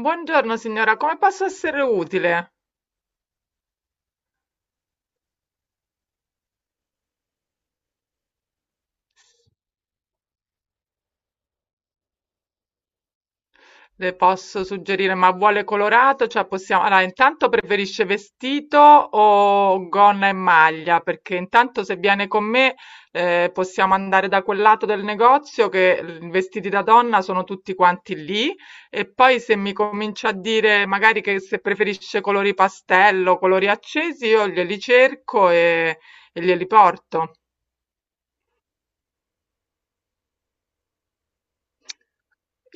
Buongiorno signora, come posso essere utile? Le posso suggerire, ma vuole colorato? Cioè possiamo... Allora, intanto preferisce vestito o gonna e maglia? Perché intanto se viene con me possiamo andare da quel lato del negozio che i vestiti da donna sono tutti quanti lì e poi se mi comincia a dire magari che se preferisce colori pastello, colori accesi, io glieli cerco e glieli porto.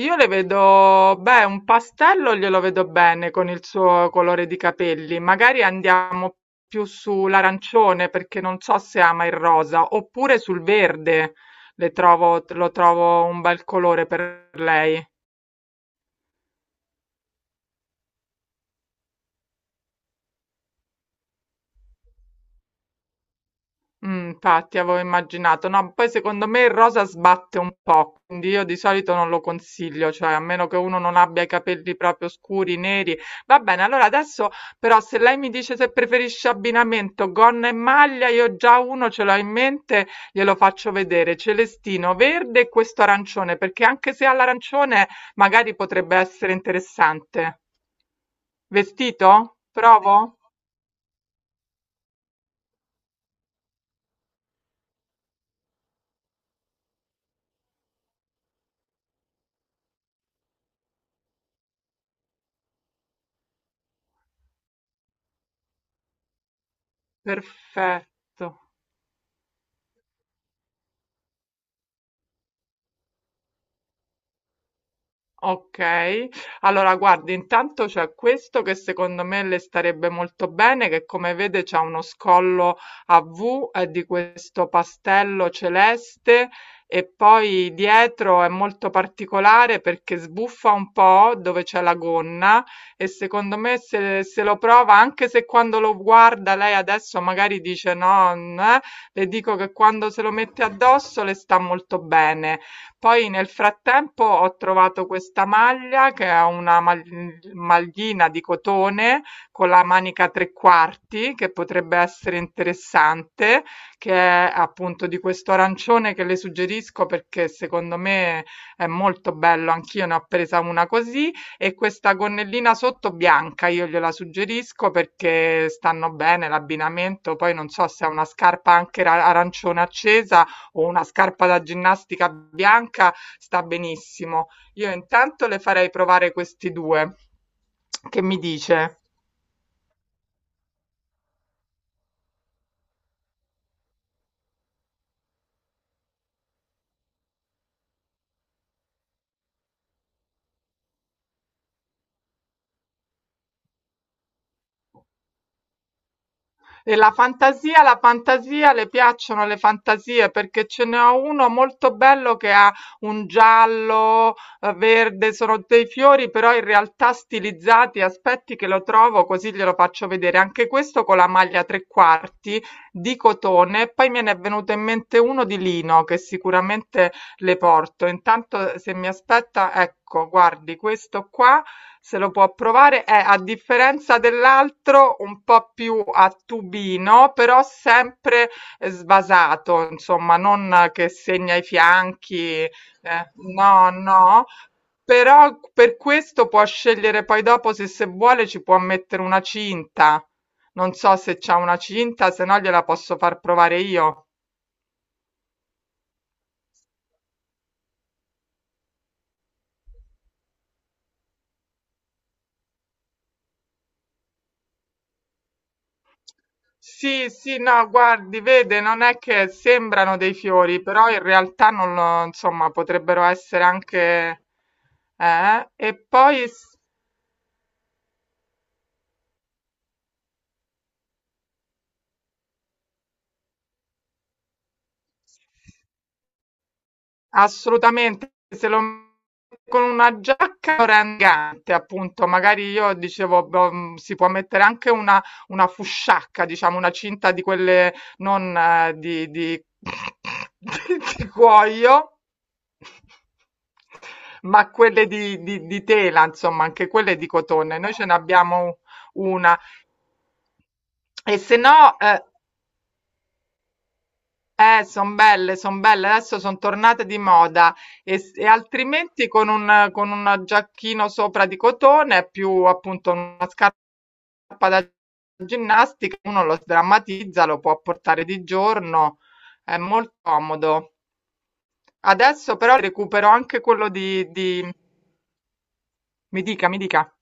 Io le vedo, beh, un pastello glielo vedo bene con il suo colore di capelli. Magari andiamo più sull'arancione perché non so se ama il rosa, oppure sul verde. Le trovo, lo trovo un bel colore per lei. Infatti avevo immaginato. No, poi secondo me il rosa sbatte un po', quindi io di solito non lo consiglio, cioè a meno che uno non abbia i capelli proprio scuri, neri. Va bene, allora adesso però se lei mi dice se preferisce abbinamento gonna e maglia, io già uno ce l'ho in mente, glielo faccio vedere, celestino verde e questo arancione, perché anche se ha l'arancione magari potrebbe essere interessante. Vestito? Provo? Perfetto. Okay. Allora guardi, intanto c'è questo che secondo me le starebbe molto bene, che come vede c'ha uno scollo a V, è di questo pastello celeste e poi dietro è molto particolare perché sbuffa un po' dove c'è la gonna e secondo me se se lo prova, anche se quando lo guarda lei adesso magari dice: "No" n le dico che quando se lo mette addosso le sta molto bene. Poi nel frattempo ho trovato questa maglia che è una maglina di cotone con la manica a tre quarti che potrebbe essere interessante, che è appunto di questo arancione che le suggerisco perché secondo me è molto bello, anch'io ne ho presa una così e questa gonnellina sotto bianca io gliela suggerisco perché stanno bene l'abbinamento, poi non so se è una scarpa anche arancione accesa o una scarpa da ginnastica bianca sta benissimo. Io intanto le farei provare questi due. Che mi dice? E la fantasia, le piacciono le fantasie perché ce ne ho uno molto bello che ha un giallo, verde, sono dei fiori però in realtà stilizzati. Aspetti che lo trovo così glielo faccio vedere. Anche questo con la maglia tre quarti di cotone. Poi me ne è venuto in mente uno di lino che sicuramente le porto. Intanto se mi aspetta, ecco, guardi questo qua se lo può provare, è a differenza dell'altro un po' più a tubino, però sempre sbasato, insomma, non che segna i fianchi, no, no. Però per questo può scegliere poi dopo se, se vuole ci può mettere una cinta. Non so se c'ha una cinta, se no gliela posso far provare io. Sì, sì, no, guardi, vede, non è che sembrano dei fiori, però in realtà non lo, insomma, potrebbero essere anche... Eh? E poi... Assolutamente, se lo mette con una giacca lo rende elegante, appunto, magari io dicevo, boh, si può mettere anche una fusciacca, diciamo, una cinta di quelle non di cuoio, ma quelle di tela, insomma, anche quelle di cotone. Noi ce n'abbiamo una. E se no, son belle, adesso son tornate di moda e, e altrimenti con un giacchino sopra di cotone, più appunto una scarpa da ginnastica, uno lo sdrammatizza, lo può portare di giorno, è molto comodo. Adesso però recupero anche quello di... Mi dica, mi dica.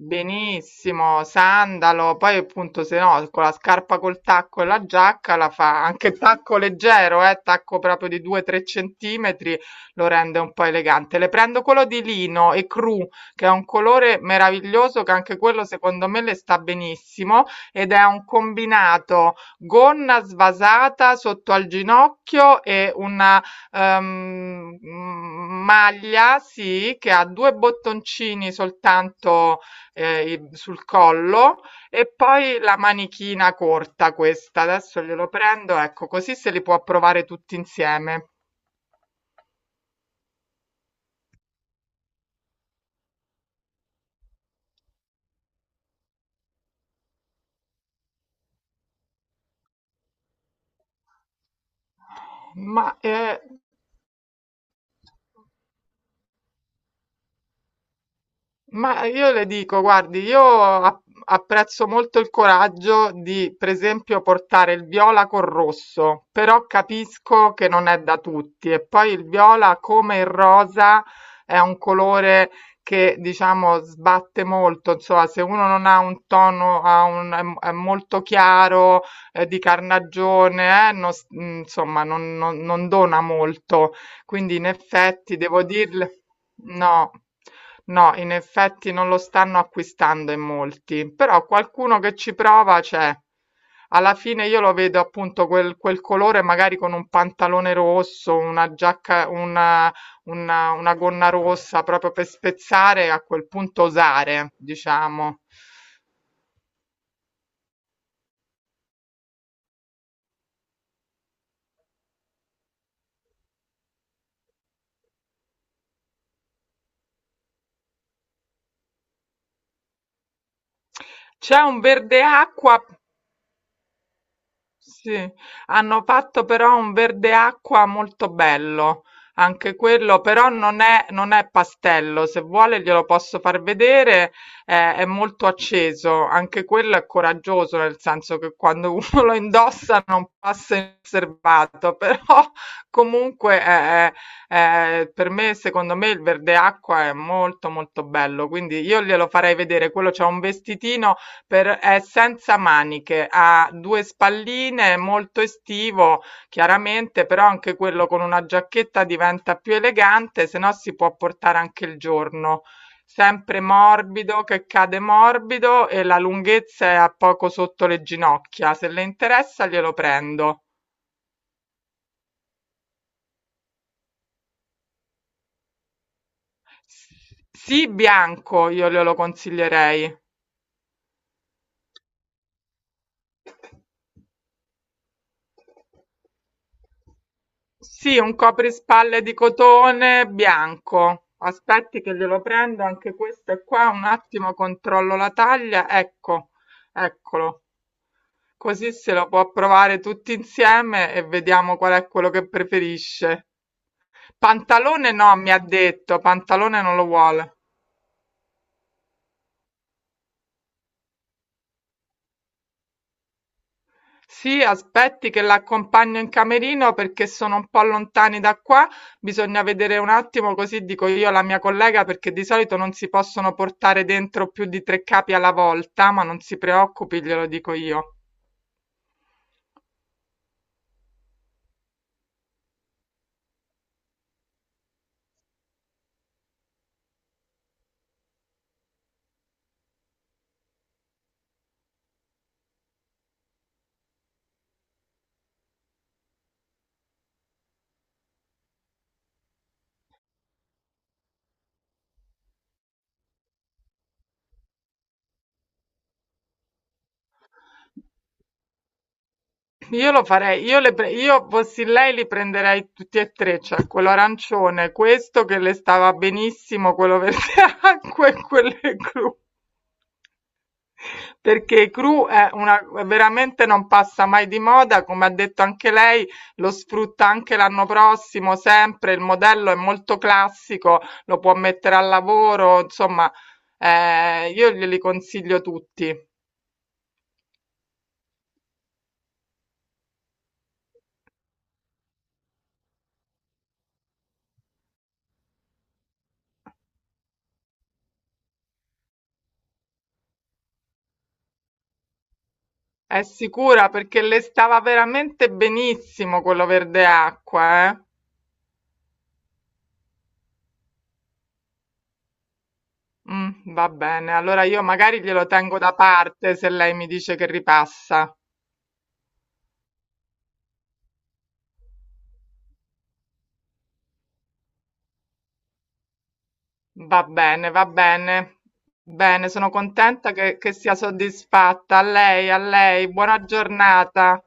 Benissimo, sandalo, poi appunto se no con la scarpa col tacco e la giacca la fa anche tacco leggero, tacco proprio di 2-3 centimetri, lo rende un po' elegante. Le prendo quello di lino e cru, che è un colore meraviglioso che anche quello secondo me le sta benissimo ed è un combinato gonna svasata sotto al ginocchio e una maglia, sì, che ha due bottoncini soltanto i sul collo e poi la manichina corta questa. Adesso glielo prendo, ecco, così se li può provare tutti insieme. Ma, ehm Ma io le dico, guardi, apprezzo molto il coraggio di, per esempio, portare il viola col rosso, però capisco che non è da tutti. E poi il viola, come il rosa, è un colore che, diciamo, sbatte molto. Insomma, se uno non ha un tono, è molto chiaro, di carnagione, non s- insomma, non dona molto. Quindi in effetti devo dirle no, no, in effetti non lo stanno acquistando in molti, però qualcuno che ci prova c'è. Alla fine io lo vedo appunto quel, quel colore magari con un pantalone rosso, una giacca, una gonna rossa proprio per spezzare, a quel punto osare, diciamo. C'è un verde acqua sì, hanno fatto però un verde acqua molto bello, anche quello, però non è, non è pastello, se vuole glielo posso far vedere, è molto acceso, anche quello è coraggioso, nel senso che quando uno lo indossa non passa inosservato, però comunque per me, secondo me il verde acqua è molto molto bello, quindi io glielo farei vedere, quello c'è un vestitino è senza maniche, ha due spalline, è molto estivo, chiaramente, però anche quello con una giacchetta diventa più elegante, se no si può portare anche il giorno. Sempre morbido, che cade morbido e la lunghezza è a poco sotto le ginocchia. Se le interessa, glielo prendo. S- Sì, bianco, io glielo consiglierei. Sì, un coprispalle di cotone bianco. Aspetti che glielo prendo, anche questo qua, un attimo controllo la taglia. Ecco, eccolo. Così se lo può provare tutti insieme e vediamo qual è quello che preferisce. Pantalone no, mi ha detto, pantalone non lo vuole. Sì, aspetti che la accompagno in camerino perché sono un po' lontani da qua, bisogna vedere un attimo, così dico io alla mia collega perché di solito non si possono portare dentro più di 3 capi alla volta, ma non si preoccupi, glielo dico io. Io lo farei, io, io fossi lei li prenderei tutti e tre, cioè quello arancione, questo che le stava benissimo, quello verde acqua e quello blu. Perché cru è una veramente non passa mai di moda, come ha detto anche lei, lo sfrutta anche l'anno prossimo, sempre, il modello è molto classico, lo può mettere al lavoro, insomma, io glieli consiglio tutti. È sicura perché le stava veramente benissimo quello verde acqua, eh? Mm, va bene, allora io magari glielo tengo da parte se lei mi dice che ripassa. Va bene, va bene. Bene, sono contenta che sia soddisfatta. A lei, buona giornata.